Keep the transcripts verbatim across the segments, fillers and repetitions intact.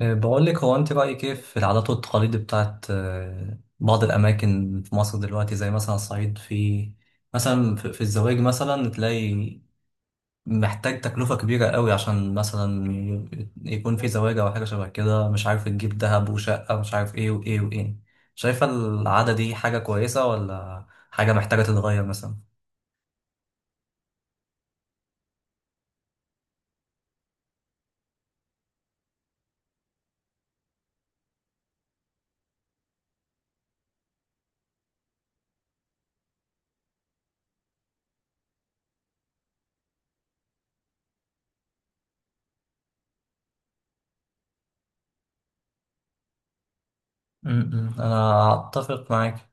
أه، بقول لك، هو انت رايك ايه في العادات والتقاليد بتاعت أه، بعض الاماكن في مصر دلوقتي زي مثلا الصعيد. في مثلا في في الزواج مثلا تلاقي محتاج تكلفه كبيره قوي عشان مثلا ي- يكون في زواج او حاجه شبه كده، مش عارف تجيب ذهب وشقه مش عارف ايه وايه وايه. شايفه العاده دي حاجه كويسه ولا حاجه محتاجه تتغير مثلا؟ م- م، انا اتفق معاك.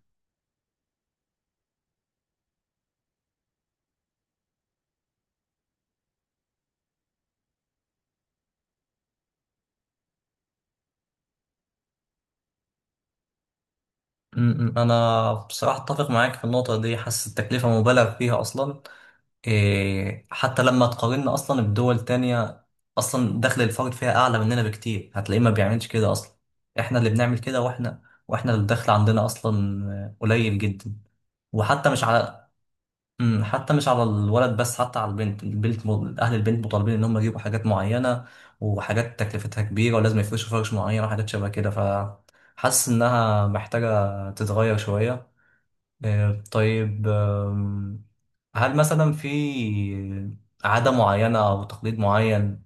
م- م، انا بصراحه اتفق معاك في النقطه دي، حاسس التكلفه مبالغ فيها اصلا. إيه، حتى لما تقارنا اصلا بدول تانية، اصلا دخل الفرد فيها اعلى مننا بكتير، هتلاقيه ما بيعملش كده اصلا. احنا اللي بنعمل كده، واحنا واحنا الدخل عندنا اصلا آه، قليل جدا. وحتى مش على مم، حتى مش على الولد، بس حتى على البنت البنت م- اهل البنت مطالبين ان هم يجيبوا حاجات معينة، وحاجات تكلفتها كبيرة ولازم يفرشوا فرش معين وحاجات شبه كده، فحاسس انها محتاجة تتغير شوية. آه، طيب، آم، هل مثلا في عادة معينة أو تقليد معين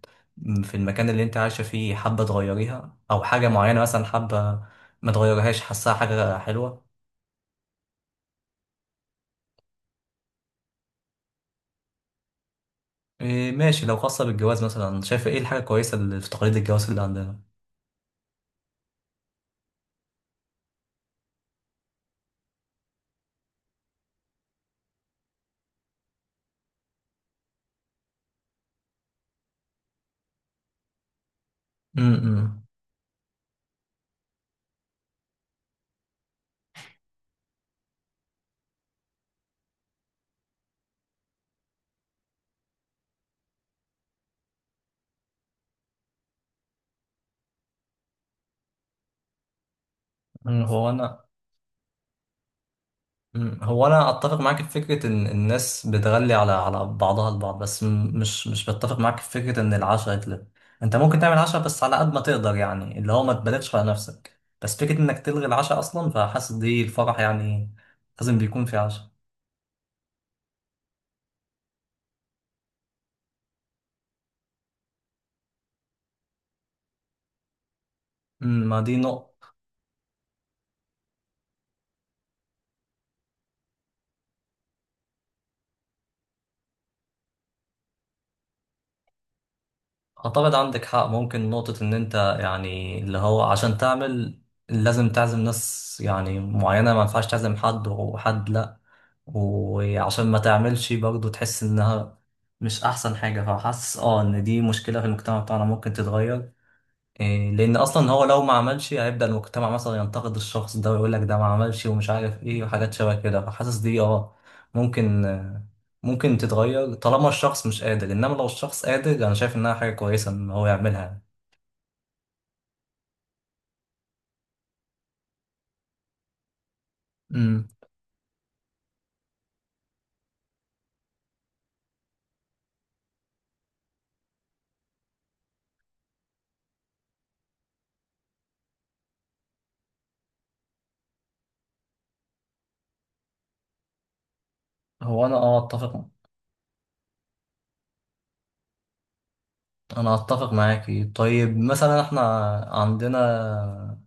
في المكان اللي أنت عايشة فيه حابة تغيريها، أو حاجة معينة مثلا حابة ما تغيرهاش، حاساها حاجة حلوة؟ آه، ماشي، لو خاصة بالجواز، مثلا شايفة إيه الحاجة كويسة اللي في تقليد الجواز اللي عندنا؟ م- م. هو أنا مم. هو انا اتفق معاك في فكره ان الناس بتغلي على على بعضها البعض، بس م- مش مش بتفق معاك في فكره ان العشاء يتلغي. انت ممكن تعمل عشاء بس على قد ما تقدر، يعني اللي هو ما تبالغش على نفسك. بس فكره انك تلغي العشاء اصلا فحاسس دي الفرح يعني لازم بيكون في عشاء. مم، ما دي نقطه. أعتقد عندك حق. ممكن نقطة إن أنت يعني اللي هو عشان تعمل لازم تعزم ناس يعني معينة، ما ينفعش تعزم حد وحد لأ. وعشان ما تعملش برضه تحس إنها مش أحسن حاجة. فحاسس أه إن دي مشكلة في المجتمع بتاعنا ممكن تتغير. إيه، لان اصلا هو لو ما عملش هيبدا المجتمع مثلا ينتقد الشخص ده ويقول لك ده ما عملش ومش عارف ايه وحاجات شبه كده، فحاسس دي اه ممكن آه، ممكن تتغير طالما الشخص مش قادر. انما لو الشخص قادر انا شايف انها حاجه كويسه ان هو يعملها. امم هو انا اه اتفق. انا اتفق معاكي. طيب مثلا احنا عندنا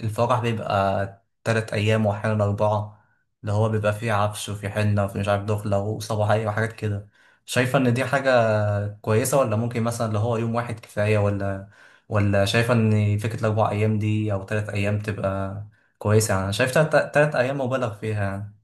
الفرح بيبقى تلات ايام واحيانا اربعه، اللي هو بيبقى فيه عفش وفي حنه وفي مش عارف دخله وصباحيه وحاجات كده. شايفه ان دي حاجه كويسة ولا ممكن مثلا اللي هو يوم واحد كفاية، ولا ولا شايفة إن فكرة الأربع أيام دي أو تلات أيام تبقى كويسة؟ يعني أنا شايف تلات, تلات أيام مبالغ فيها يعني.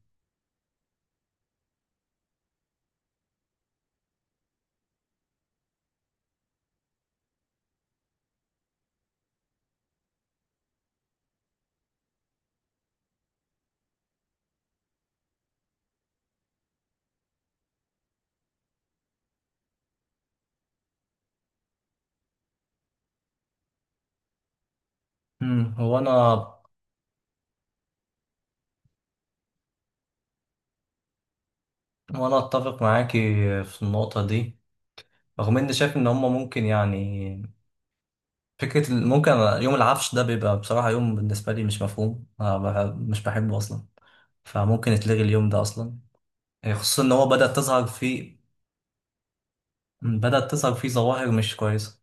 أمم، هو أنا وأنا أتفق معاكي في النقطة دي، رغم إني شايف إن هما ممكن يعني فكرة ال- ممكن يوم العفش ده بيبقى بصراحة يوم بالنسبة لي مش مفهوم. أنا بح- مش بحبه أصلا، فممكن يتلغي اليوم ده أصلا، خصوصا إن هو بدأت تظهر فيه بدأت تظهر فيه ظواهر مش كويسة.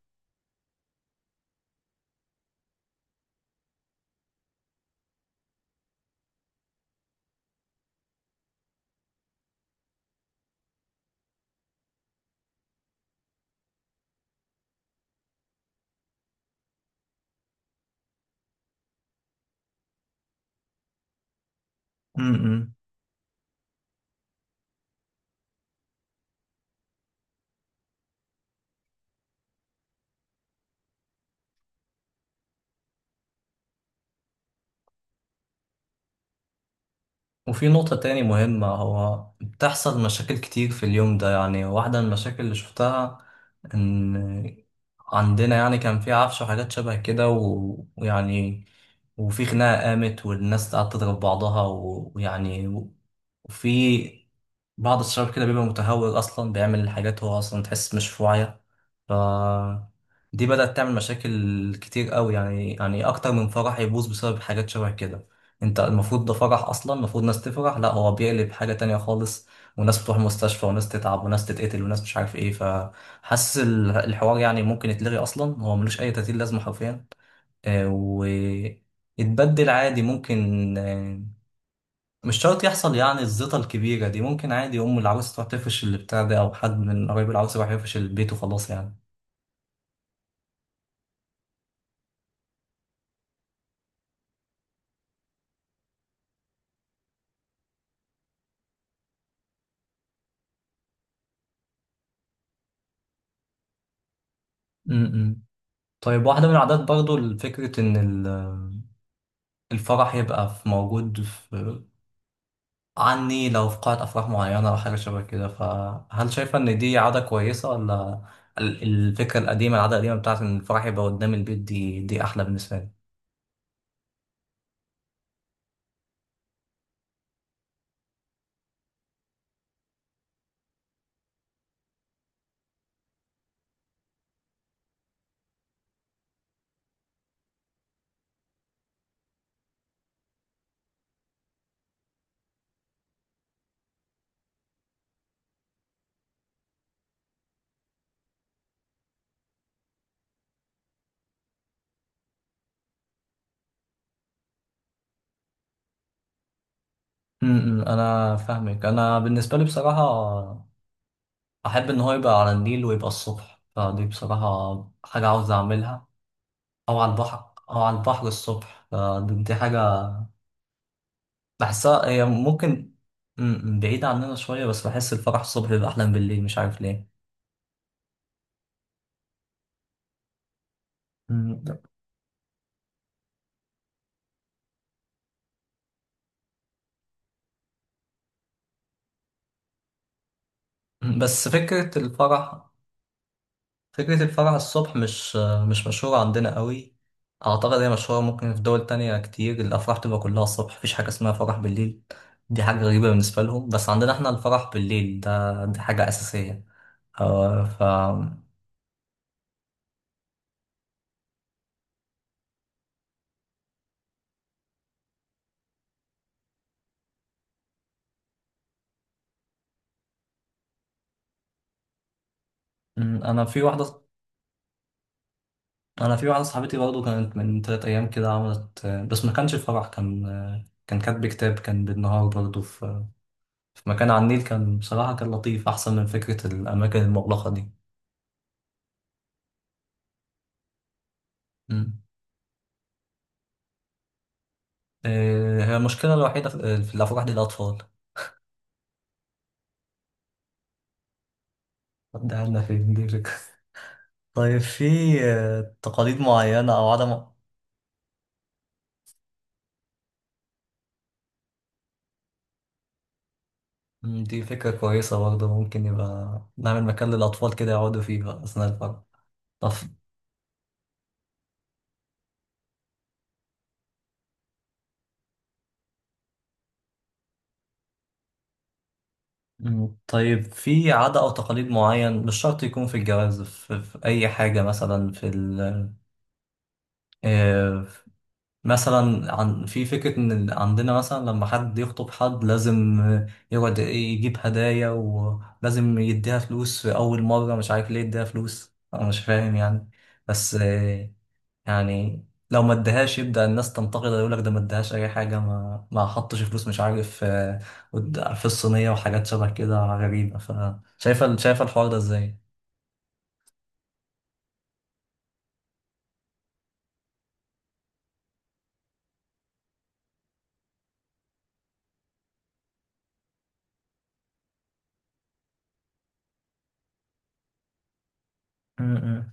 أمم. وفي نقطة تاني مهمة هو بتحصل مشاكل كتير في اليوم ده، يعني واحدة من المشاكل اللي شفتها إن عندنا يعني كان في عفش وحاجات شبه كده و- ويعني وفي خناقة قامت والناس قعدت تضرب بعضها و- ويعني و- وفي بعض الشباب كده بيبقى متهور أصلا بيعمل حاجات هو أصلا تحس مش في وعيه. ف دي بدأت تعمل مشاكل كتير قوي يعني، يعني أكتر من فرح يبوظ بسبب حاجات شبه كده. انت المفروض ده فرح اصلا، المفروض ناس تفرح، لا هو بيقلب حاجة تانية خالص. وناس بتروح مستشفى وناس تتعب وناس تتقتل وناس مش عارف ايه، فحاسس ال- الحوار يعني ممكن يتلغي اصلا، هو ملوش اي تأثير لازمة حرفيا. آه، ويتبدل عادي ممكن. آه، مش شرط يحصل يعني الزيطة الكبيرة دي، ممكن عادي أم العروس تروح تفرش اللي بتاع ده، أو حد من قرايب العروس يروح يفرش البيت وخلاص يعني. امم طيب، واحدة من العادات برضو فكرة إن ال- الفرح يبقى في موجود عني لو في قاعة أفراح معينة أو حاجة شبه كده. فهل شايفة إن دي عادة كويسة، ولا ال- الفكرة القديمة العادة القديمة بتاعت إن الفرح يبقى قدام البيت دي دي أحلى بالنسبة لي؟ م- م، أنا فاهمك. أنا بالنسبة لي بصراحة أحب إن هو يبقى على النيل ويبقى الصبح، فدي بصراحة حاجة عاوز أعملها. أو على البحر، أو على البحر الصبح، فدي دي حاجة بحسها هي، ممكن م- م، بعيدة عننا شوية، بس بحس الفرح الصبح بيبقى أحلى من بالليل، مش عارف ليه. م، بس فكرة الفرح فكرة الفرح الصبح مش مش مشهورة عندنا قوي. أعتقد هي مشهورة ممكن في دول تانية كتير، الأفراح تبقى كلها الصبح، مفيش حاجة اسمها فرح بالليل، دي حاجة غريبة بالنسبة لهم. بس عندنا احنا الفرح بالليل ده دي حاجة أساسية. آه، ف م، أنا في واحدة، أنا في واحدة صاحبتي برضه كانت من تلات أيام كده عملت، بس ما كانش فرح، كان كان كاتب كتاب، كان بالنهار برضه في في مكان على النيل، كان بصراحة كان لطيف أحسن من فكرة الأماكن المغلقة دي. م. آه، هي المشكلة الوحيدة في في الأفراح دي الأطفال. طب ده عنا فين؟ دي فكرة طيب، في آه، تقاليد معينة أو عدم. مم، دي فكرة كويسة برضه، ممكن يبقى نعمل مكان للأطفال كده يقعدوا فيه بقى أثناء الفرح. طب. مم، طيب، في عادة أو تقاليد معين مش شرط يكون في الجواز، في, في أي حاجة. مثلا في ال آه، مثلا عن في فكرة إن عندنا مثلا لما حد يخطب حد لازم يقعد إيه، يجيب هدايا، ولازم يديها فلوس في أول مرة. مش عارف ليه يديها فلوس، أنا مش فاهم يعني. بس آه، يعني لو ما ادهاش يبدأ الناس تنتقد يقول لك ده ما ادهاش أي حاجة، ما ما حطش فلوس مش عارف آه، قد- في الصينية وحاجات شبه كده غريبة. فشايفة شايفة الحوار ده إزاي؟ م- م-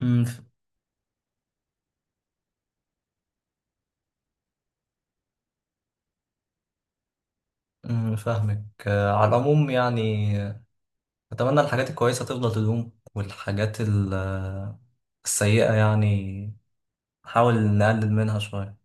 م- ف- م- فاهمك. آه، على العموم يعني أتمنى الحاجات الكويسة تفضل تدوم، والحاجات ال- السيئة يعني نحاول نقلل منها شوية.